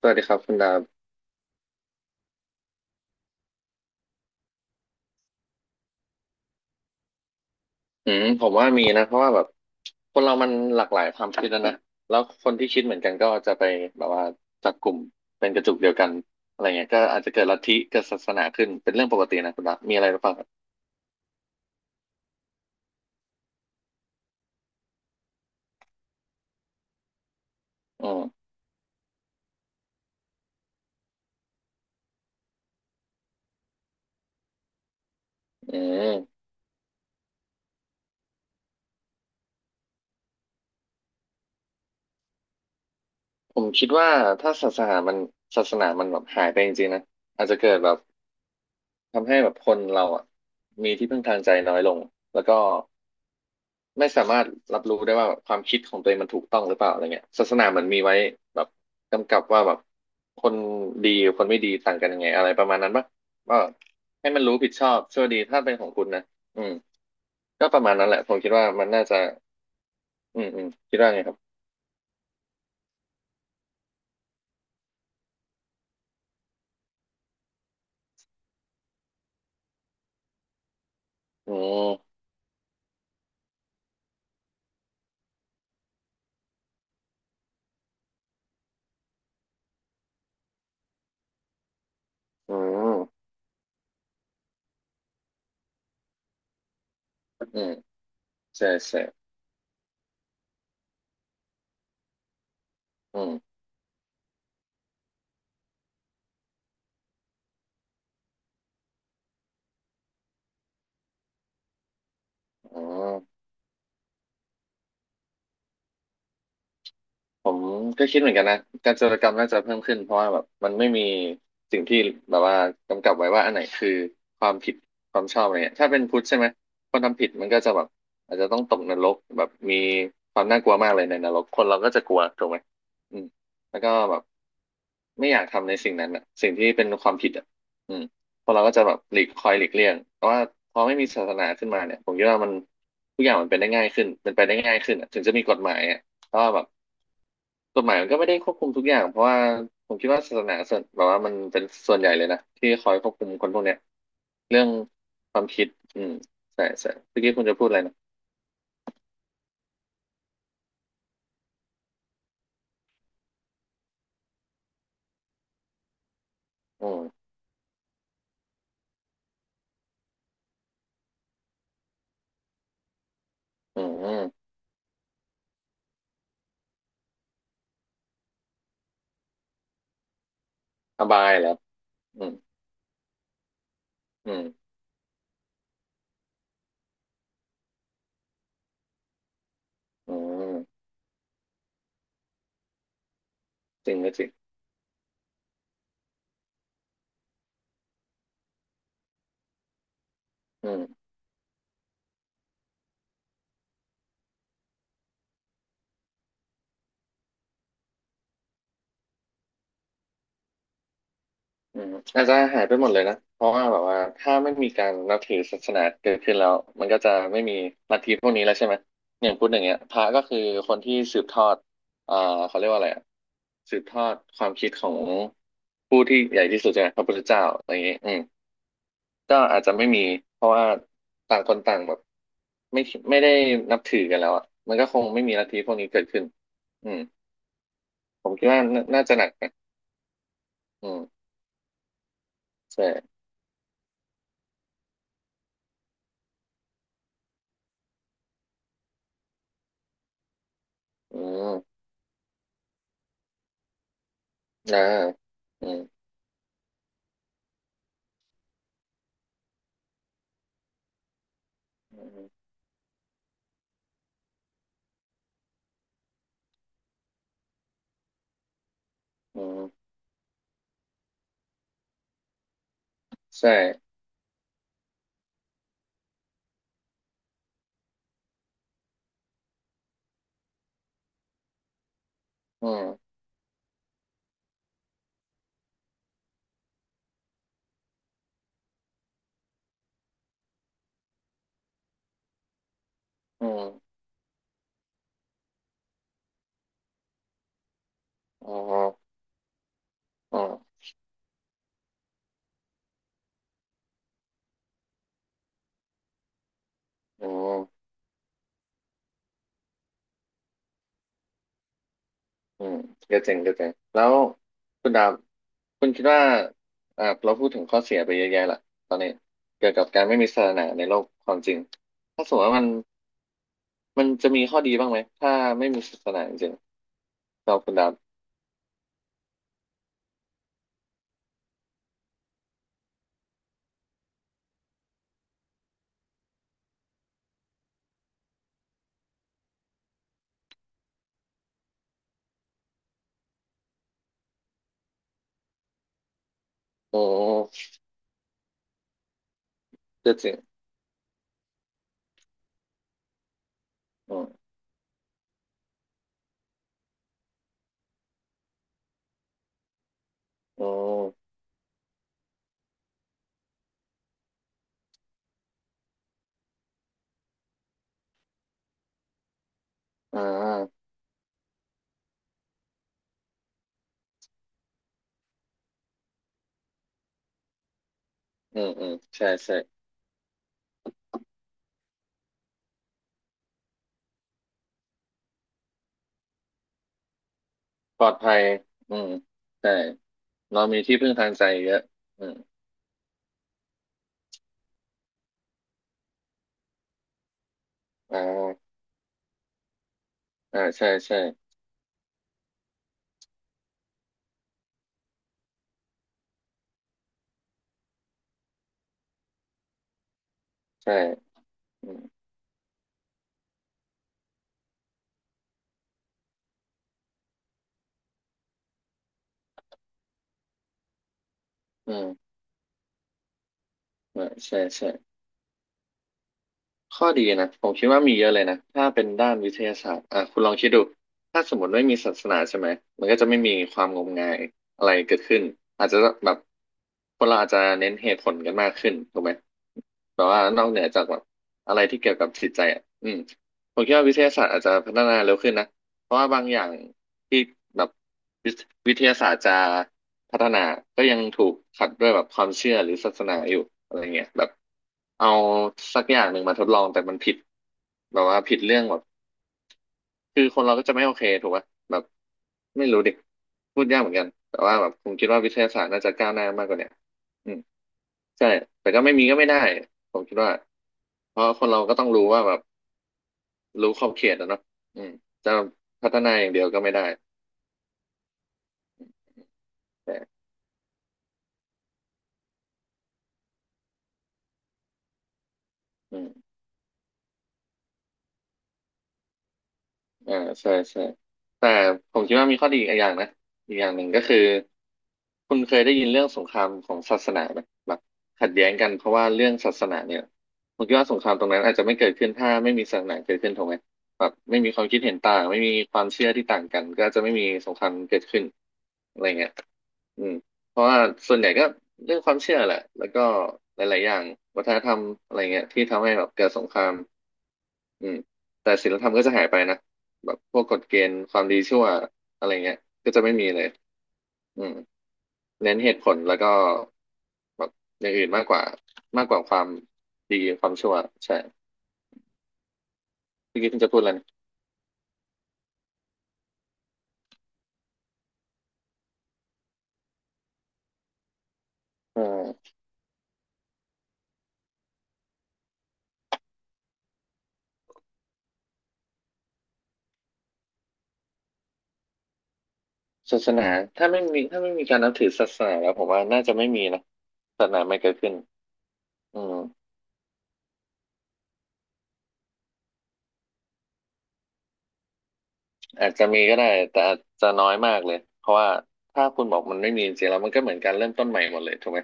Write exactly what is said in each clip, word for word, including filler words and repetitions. สวัสดีครับคุณดาบอืมผมว่ามีนะเพราะว่าแบบคนเรามันหลากหลายความคิดนะนะแล้วคนที่คิดเหมือนกันก็จะไปแบบว่าจับกลุ่มเป็นกระจุกเดียวกันอะไรเงี้ยก็อาจจะเกิดลัทธิเกิดศาสนาขึ้นเป็นเรื่องปกตินะคุณดาบมีอะไรหรือเปล่าครับอืมอืมผมคิดว่าถ้าศาสนามันศาสนามันแบบหายไปจริงๆนะอาจจะเกิดแบบ ทำให้แบบคนเราอ่ะมีที่พึ่งทางใจน้อยลงแล้วก็ไม่สามารถรับรู้ได้ว่าแบบความคิดของตัวเองมันถูกต้องหรือเปล่าอะไรเงี้ยศาสนาเหมือนมีไว้แบบกำกับว่าแบบคนดีกับคนไม่ดีต่างกันยังไงอะไรประมาณนั้นปะก็ให้มันรู้ผิดชอบชั่วดีถ้าเป็นของคุณนะอืมก็ประมาณนั้นแหละผมคิดว่ามันน่าจะอืมอืมคิดว่าไงครับอืมอืมอืมใช่ใช่อืมอืม ผมก็คิดเหมือนกันนะการจาราจรมน่าจะเพิ่มขึ้นเพราะว่าแบบมันไม่มีสิ่งที่แบบว่ากำกับไว้ว่าอันไหนคือความผิดความชอบอะไรเงี้ยถ้าเป็นพุทธใช่ไหมคนทำผิดมันก็จะแบบอาจจะต้องตกนรกแบบมีความน่ากลัวมากเลยในนรกคนเราก็จะกลัวถูกไหมอืมแล้วก็แบบไม่อยากทำในสิ่งนั้นอ่ะสิ่งที่เป็นความผิดอ่ะอืมคนเราก็จะแบบหลีกคอยหลีกเลี่ยงแต่ว่าพอไม่มีศาสนาขึ้นมาเนี่ยผมคิดว่ามันทุกอย่างมันเป็นได้ง่ายขึ้นเป็นไปได้ง่ายขึ้นอะถึงจะมีกฎหมายอะ ก็แบบกฎหมายมันก็ไม่ได้ควบคุมทุกอย่างเพราะว่าผมคิดว่าศาสนาส่วนแบบว่ามันเป็นส่วนใหญ่เลยนะที่คอยควบคุมคนพวกเนี้ยเรื่องความคิดอืมใช่ใช่เมื่อกี้คุณจะพูดอะไรนะอืมอืมอืมอบายเหรออืมอืมอืมจริงก็จริงอืม อืมอาจจะหายไปหมดเลยนะเพราะว่าแบบว่าถ้าไม่มีการนับถือศาสนาเกิดขึ้นแล้วมันก็จะไม่มีลัทธิพวกนี้แล้วใช่ไหมอย่างพูดอย่างเงี้ยพระก็คือคนที่สืบทอดอ่าเขาเรียกว่าอะไรอะสืบทอดความคิดของผู้ที่ใหญ่ที่สุดใช่ไหมพระพุทธเจ้าอะไรอย่างเงี้ยอืมก็อาจจะไม่มีเพราะว่าต่างคนต่างแบบไม่ไม่ได้นับถือกันแล้วอ่ะมันก็คงไม่มีลัทธิพวกนี้เกิดขึ้นอืมผมคิดว่าน่าน่าจะหนักนะอืมใช่อืมนะอืม อืมอืมใช่อืมอืมอ๋ออ๋ออืมอืมก็เจ๋งก็เจ๋งแล้วคุณดาบคุณคิดว่าอ่าเราพูดถึงข้อเสียไปเยอะแยะละตอนนี้เกี่ยวกับการไม่มีศาสนาในโลกความจริงถ้าสมมติว่ามันมันจะมีข้อดีบ้างไหมถ้าไม่มีศาสนาจริงๆเราคุณดาบโอ้ก็จริงอืมอืมอ่าอืมอืมใช่ใช่ปลอดภัยอืมใช่เรามีที่พึ่งทางใจเยอะอืมอ่า อ่าใช่ใช่ใช่อืมอืมอ่าใช่ใช่ข้อดีนะผมคิดว่ามีเยอะเลยนะถ้าเป็นด้านวิทยาศาสตร์อ่าคุณลองคิดดูถ้าสมมติไม่มีศาสนาใช่ไหมมันก็จะไม่มีความงมงายอะไรเกิดขึ้นอาจจะแบบคนเราอาจจะเน้นเหตุผลกันมากขึ้นถูกไหมแต่ว่านอกเหนือจากแบบอะไรที่เกี่ยวกับจิตใจอ่ะอืมผมคิดว่าวิทยาศาสตร์อาจจะพัฒนาเร็วขึ้นนะเพราะว่าบางอย่างที่แบบวิทวิทยาศาสตร์จะ พัฒนา ก็ยังถูกขัดด้วยแบบความเชื่อหรือศาสนาอยู่อะไรเงี้ยแบบเอาสักอย่างหนึ่งมาทดลองแต่มันผิดแบบว่าผิดเรื่องแบบคือคนเราก็จะไม่โอเคถูกป่ะแบบไม่รู้ดิพูดยากเหมือนกัน แต่ว่าแบบผมคิดว่าวิทยาศาสตร์น่าจะก้าวหน้ามากกว่าเนี้ยอืมใช่ แต่ก็ไม่มีก็ไม่ได้ ผมคิดว่า เพราะคนเราก็ต้องรู้ว่าแบบรู้ขอบเขตนะเนาะอืมจะพัฒนาอย่างเดียวก็ไม่ได้แต่อืม อ่าใช่ใช่แต่ผมคิดว่ามีข้อดีอีกอย่างนะอีกอย่างหนึ่งก็คือคุณเคยได้ยินเรื่องสงครามของศาสนาไหมแบบขัดแย้งกันเพราะว่าเรื่องศาสนาเนี่ยผมคิดว่าสงครามตรงนั้นอาจจะไม่เกิดขึ้นถ้าไม่มีศาสนาเกิดขึ้นถูกไหมแบบไม่มีความคิดเห็นต่างไม่มีความเชื่อที่ต่างกันก็จะไม่มีสงครามเกิดขึ้นอะไรเงี้ยอืมเพราะว่าส่วนใหญ่ก็เรื่องความเชื่อแหละแล้วก็หลายๆอย่างวัฒนธรรมอะไรเงี้ยที่ทำให้แบบเกิดสงคราม อืมแต่ศีลธรรมก็จะหายไปนะแบบพวกกฎเกณฑ์ความดีชั่วอะไรเงี้ยก็จะไม่มีเลยอืมเน้นเหตุผลแล้วก็แบบอย่างอื่นมากกว่ามากกว่าความดีความชั่วใช่เมื่อกี้ค่งจะพูดอะไรนะเออศาสนาถ้าไม่มีถ้าไม่มีการนับถือศาสนาแล้วผมว่าน่าจะไม่มีนะศาสนาไม่เกิดขึ้นอืมอาจจะมีก็ได้แต่อาจจะน้อยมากเลยเพราะว่าถ้าคุณบอกมันไม่มีจริงๆแล้วมันก็เหมือนการเริ่มต้นใหม่หมดเลยถูกไหม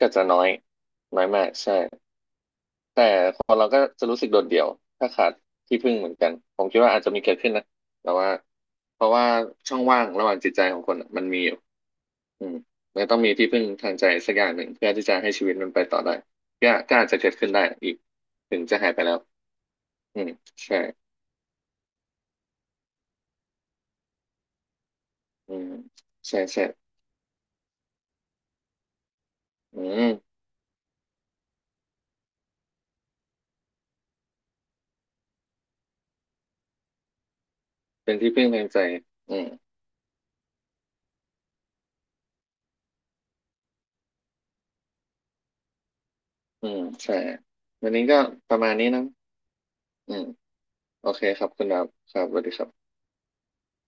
ก็จะน้อยน้อยมากใช่ แต่คนเราก็จะรู้สึกโดดเดี่ยวถ้าขาดที่พึ่งเหมือนกันผมคิดว่าอาจจะมีเกิดขึ้นนะแต่ว่าเพราะว่าช่องว่างระหว่างจิตใจของคนอะมันมีอยู่อืมมันต้องมีที่พึ่งทางใจสักอย่างหนึ่งเพื่อที่จะให้ชีวิตมันไปต่อได้ก็ก็อาจจะเกิดขึ้นได้อีกถึงจะหายไปแล้วอืมใช่อืมใช่ใช่อืมเป็นที่พึ่งทางใจอืมอืมใช่วันนี้ก็ประมาณนี้นะอืมโอเคครับคุณดาวครับสวัสดีครับ